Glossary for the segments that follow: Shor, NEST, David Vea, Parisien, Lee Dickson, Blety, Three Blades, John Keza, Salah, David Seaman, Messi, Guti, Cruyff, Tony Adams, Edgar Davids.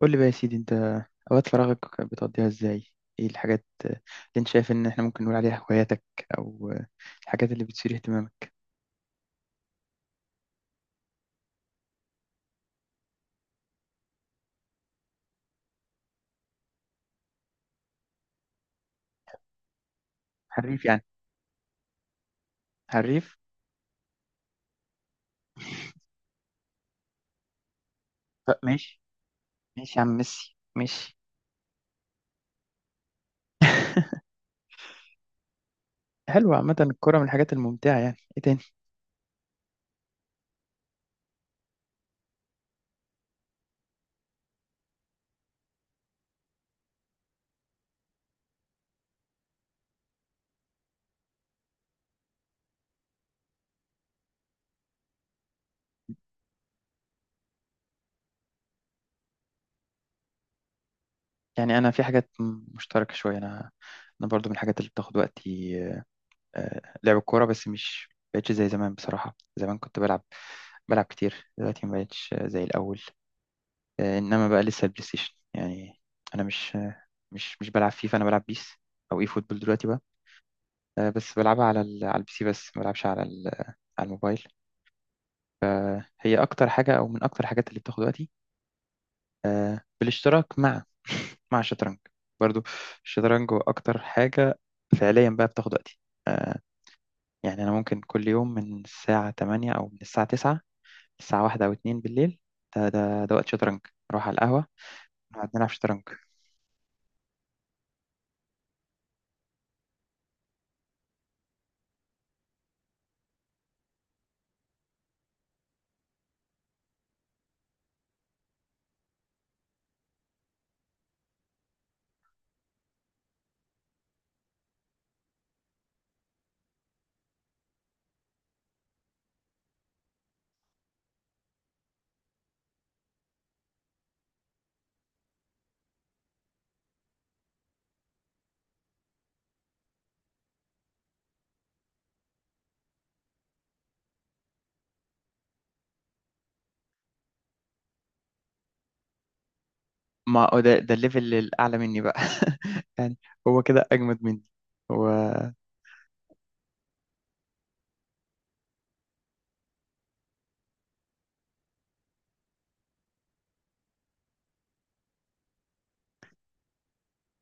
قول لي بقى يا سيدي، انت اوقات فراغك بتقضيها ازاي؟ ايه الحاجات اللي انت شايف ان احنا ممكن نقول عليها هواياتك، او الحاجات اللي بتثير اهتمامك؟ حريف يعني؟ حريف؟ ماشي. ماشي يا عم ميسي ماشي. حلو، عامة الكرة من الحاجات الممتعة. يعني ايه تاني؟ يعني انا في حاجات مشتركة شوية. انا برضو من الحاجات اللي بتاخد وقتي آه، لعب الكورة، بس مش بقتش زي زمان. بصراحة زمان كنت بلعب كتير، دلوقتي ما بقتش زي الأول. انما بقى لسه البلاي ستيشن يعني. انا مش آه، مش مش بلعب فيفا، انا بلعب بيس او اي فوتبول دلوقتي بقى. بس بلعبها على البي سي، بس ما بلعبش على الموبايل. هي اكتر حاجه او من اكتر الحاجات اللي بتاخد وقتي، بالاشتراك مع مع الشطرنج برضو. الشطرنج هو اكتر حاجه فعليا بقى بتاخد وقتي. آه، يعني انا ممكن كل يوم من الساعه 8 او من الساعه 9 الساعه 1 او 2 بالليل ده وقت شطرنج. نروح على القهوه نقعد نلعب شطرنج. ما هو ده الليفل الأعلى مني بقى يعني هو كده أجمد مني. هو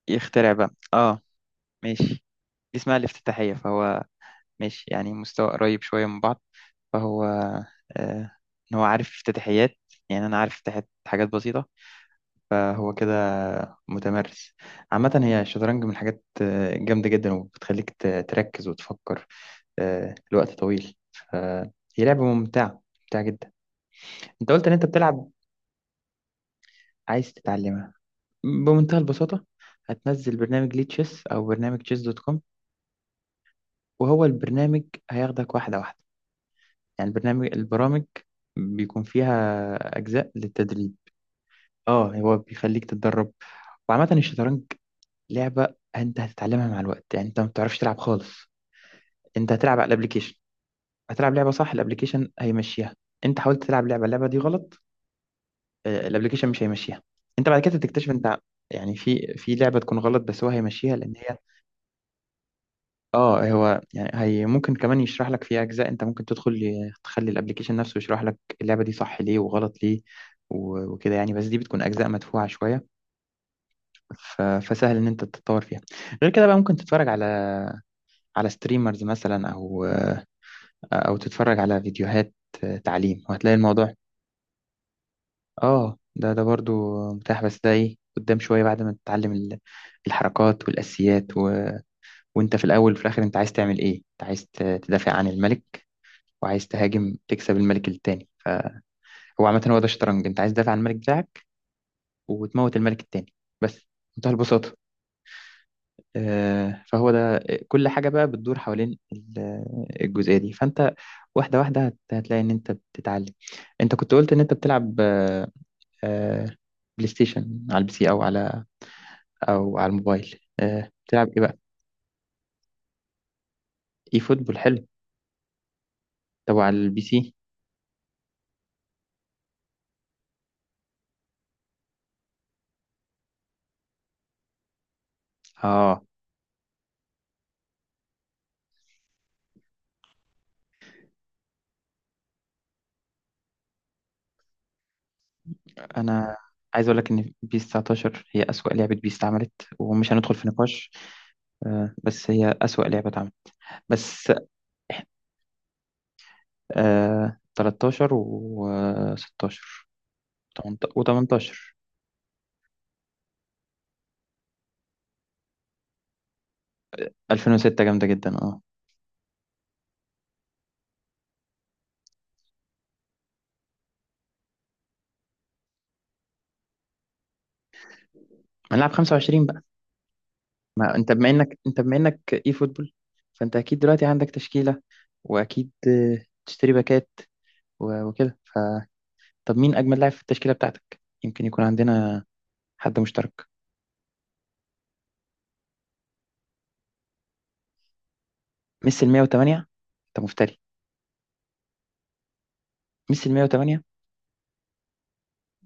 يخترع بقى، اه. ماشي، دي اسمها الافتتاحية. فهو ماشي، يعني مستوى قريب شوية من بعض. فهو آه، إن هو عارف افتتاحيات، يعني أنا عارف افتتاحيات حاجات بسيطة، فهو كده متمرس. عامة هي الشطرنج من الحاجات جامدة جدا، وبتخليك تركز وتفكر لوقت طويل. فهي لعبة ممتعة ممتعة جدا. أنت قلت إن أنت بتلعب. عايز تتعلمها؟ بمنتهى البساطة، هتنزل برنامج ليه تشيس أو برنامج تشيس دوت كوم، وهو البرنامج هياخدك واحدة واحدة. يعني البرامج بيكون فيها أجزاء للتدريب. اه، هو بيخليك تتدرب. وعامة الشطرنج لعبة أنت هتتعلمها مع الوقت. يعني أنت ما بتعرفش تلعب خالص، أنت هتلعب على الأبليكيشن، هتلعب لعبة صح الأبليكيشن هيمشيها. أنت حاولت تلعب اللعبة دي غلط، الأبليكيشن مش هيمشيها. أنت بعد كده تكتشف أنت يعني في لعبة تكون غلط، بس هو هيمشيها لأن هي، اه. هو يعني هي ممكن كمان يشرح لك في اجزاء، انت ممكن تدخل تخلي الابليكيشن نفسه يشرح لك اللعبه دي صح ليه وغلط ليه و- وكده يعني، بس دي بتكون اجزاء مدفوعه شويه. ف- فسهل ان انت تتطور فيها. غير كده بقى ممكن تتفرج على ستريمرز مثلا، او تتفرج على فيديوهات تعليم، وهتلاقي الموضوع. اه ده برضو متاح، بس ده ايه قدام شويه بعد ما تتعلم الحركات والاساسيات وانت في الاول وفي الاخر انت عايز تعمل ايه؟ انت عايز تدافع عن الملك وعايز تهاجم تكسب الملك التاني. فهو عامة هو ده الشطرنج، انت عايز تدافع عن الملك بتاعك وتموت الملك التاني، بس. منتهى البساطة. فهو ده، كل حاجة بقى بتدور حوالين الجزئية دي. فانت واحدة واحدة هتلاقي ان انت بتتعلم. انت كنت قلت ان انت بتلعب آه، بلاي ستيشن على البي سي او على الموبايل، بتلعب ايه بقى؟ اي فوتبول، حلو. طب وعلى البي سي؟ اه، انا عايز اقول لك ان بيس 19 هي اسوأ لعبه بيس اتعملت، ومش هندخل في نقاش، بس هي اسوأ لعبه اتعملت، بس. آه، 13 و16 و18. 2006 جامده جدا، اه. هنلعب 25 بقى. ما انت بما انك اي فوتبول، فانت اكيد دلوقتي عندك تشكيله، واكيد تشتري باكات و- وكده، ف طب مين اجمل لاعب في التشكيله بتاعتك؟ يمكن يكون عندنا حد مشترك. ميسي ال 108؟ انت مفتري. ميسي ال 108،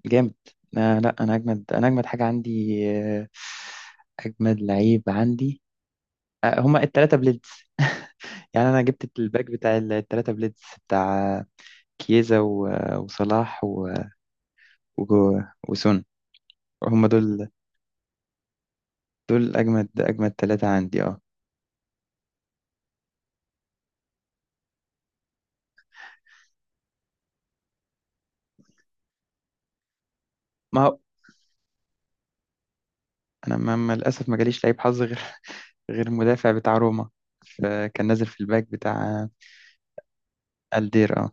جامد. آه لا، انا اجمد، انا اجمد حاجه عندي آه، اجمد لعيب عندي آه، هما الثلاثه بليدز. يعني انا جبت الباك بتاع الثلاثه بليدز، بتاع كيزا و- وصلاح و- وجو وسون. هما دول اجمد اجمد ثلاثه عندي، اه. ما هو انا للاسف ما جاليش لعيب حظ غير غير المدافع بتاع روما، فكان نازل في الباك بتاع الدير، اه.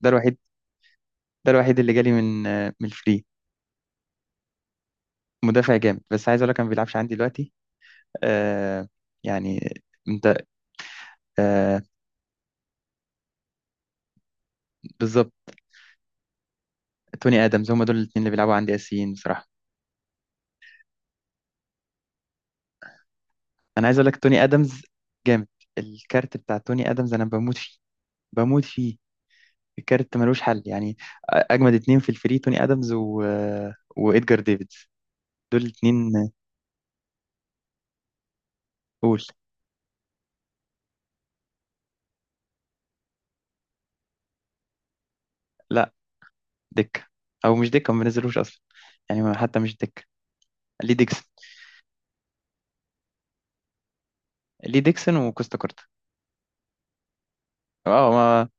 ده الوحيد، ده الوحيد اللي جالي من من الفري. مدافع جامد، بس عايز اقول لك انا ما بيلعبش عندي دلوقتي. آه يعني، انت، آه بالظبط. توني ادمز، هم دول الاثنين اللي بيلعبوا عندي اساسيين بصراحه. انا عايز اقول لك توني ادمز جامد. الكارت بتاع توني ادمز انا بموت فيه، بموت فيه. الكارت ملوش حل يعني. اجمد اتنين في الفري توني ادمز و... وادجار ديفيدز، دول الاثنين. قول. لا، دكه. او مش دكه، ما بنزلوش اصلا يعني، حتى مش دكه. لي ديكسون. لي ديكسون. وكوستا كورتا، اه.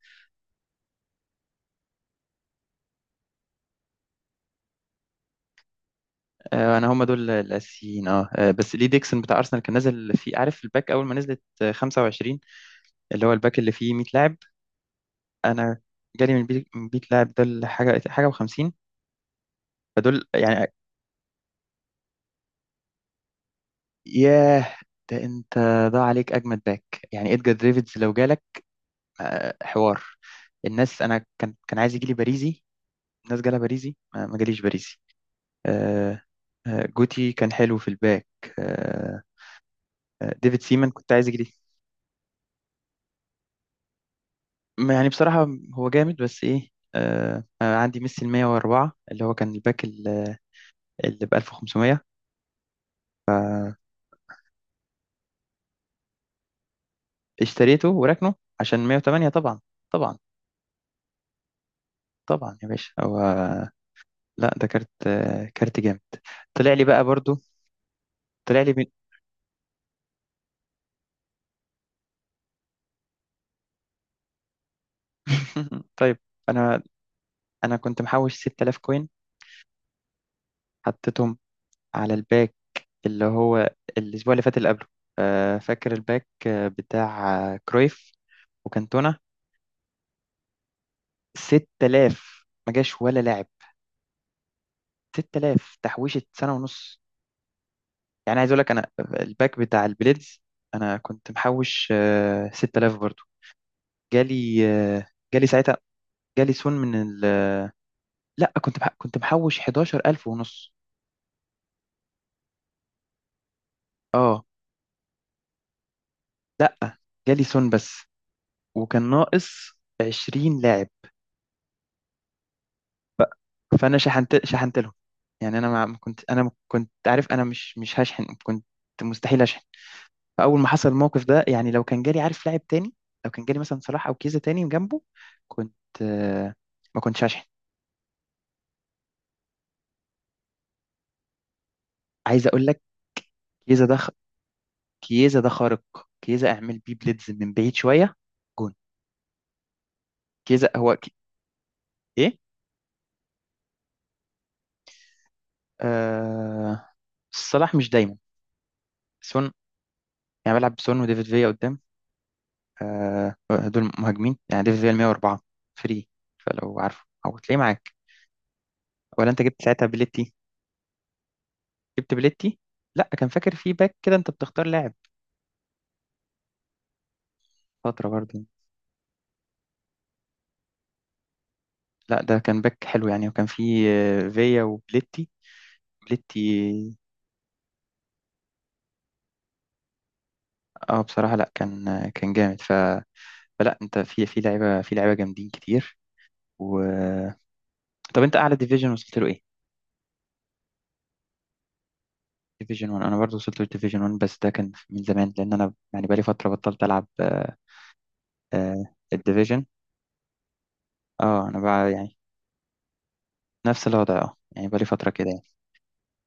آه، انا هم دول الاساسيين، اه. بس ليه ديكسون بتاع ارسنال كان نازل فيه، عارف الباك اول ما نزلت 25، اللي هو الباك اللي فيه 100 لاعب. انا جالي من البيت من 100 لاعب ده لحاجه حاجه و50. فدول يعني. ياه، ده انت ضاع عليك اجمد باك. يعني ادجار ديفيدز لو جالك، حوار. الناس، انا كان عايز يجي لي باريزي. الناس جالها باريزي، ما جاليش باريزي. آه، جوتي كان حلو في الباك. آه، ديفيد سيمان كنت عايز يجي. يعني بصراحة هو جامد، بس إيه، آه، أنا عندي ميسي ال 104 اللي هو كان الباك اللي ب 1500، اشتريته وراكنه عشان 108. طبعا، طبعا طبعا يا باشا. هو، لا، ده كارت كارت جامد، طلع لي بقى برضو. طلع لي من... طيب. أنا أنا كنت محوش 6000 كوين، حطيتهم على الباك اللي هو الأسبوع اللي فات اللي قبله. آه، فاكر الباك بتاع كرويف وكانتونا. 6000 ما جاش ولا لاعب. 6000 تحويشة سنة ونص، يعني. عايز اقول لك انا الباك بتاع البليدز انا كنت محوش 6000 برضو. جالي جالي ساعتها، جالي سون من لا، كنت محوش 11000 ونص، اه. لا، جالي سون بس، وكان ناقص 20 لاعب. فانا شحنت، شحنت لهم. يعني انا، ما كنت عارف انا مش هشحن، كنت مستحيل اشحن. فاول ما حصل الموقف ده يعني لو كان جالي، عارف، لاعب تاني، لو كان جالي مثلا صلاح او كيزا تاني جنبه، كنت، آه، ما كنتش هشحن. عايز اقول لك كيزا ده كيزا ده خارق. كيزا اعمل بيه بليدز من بعيد شويه، جون. كيزا هو ك... ايه؟ آه... صلاح مش دايما، سون، يعني بلعب بسون وديفيد فيا قدام. آه... دول مهاجمين، يعني ديفيد فيا 104 فري، فلو عارفه او تلاقيه معاك؟ ولا انت جبت ساعتها بليتي؟ جبت بليتي؟ لا، كان فاكر في باك كده انت بتختار لاعب، فتره برضه. لا، ده كان باك حلو يعني، وكان فيه فيا وبليتي. بليتي. اه بصراحة لا، كان كان جامد. ف... فلا، انت في لعيبة، في لعيبة جامدين كتير. و طب انت اعلى ديفيجن وصلت له ايه؟ ديفيجن 1. انا برضه وصلت له ديفيجن 1، بس ده كان من زمان، لان انا يعني بقالي فترة بطلت العب. آه، الديفيجن، اه انا بقى يعني نفس الوضع، اه يعني بقالي فترة كده يعني.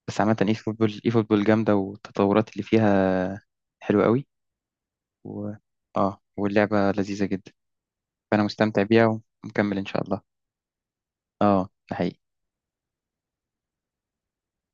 بس عامة اي فوتبول، اي فوتبول جامدة، والتطورات اللي فيها حلوة قوي. و... اه واللعبة لذيذة جدا، فأنا مستمتع بيها ومكمل إن شاء الله. اه، ده حقيقي.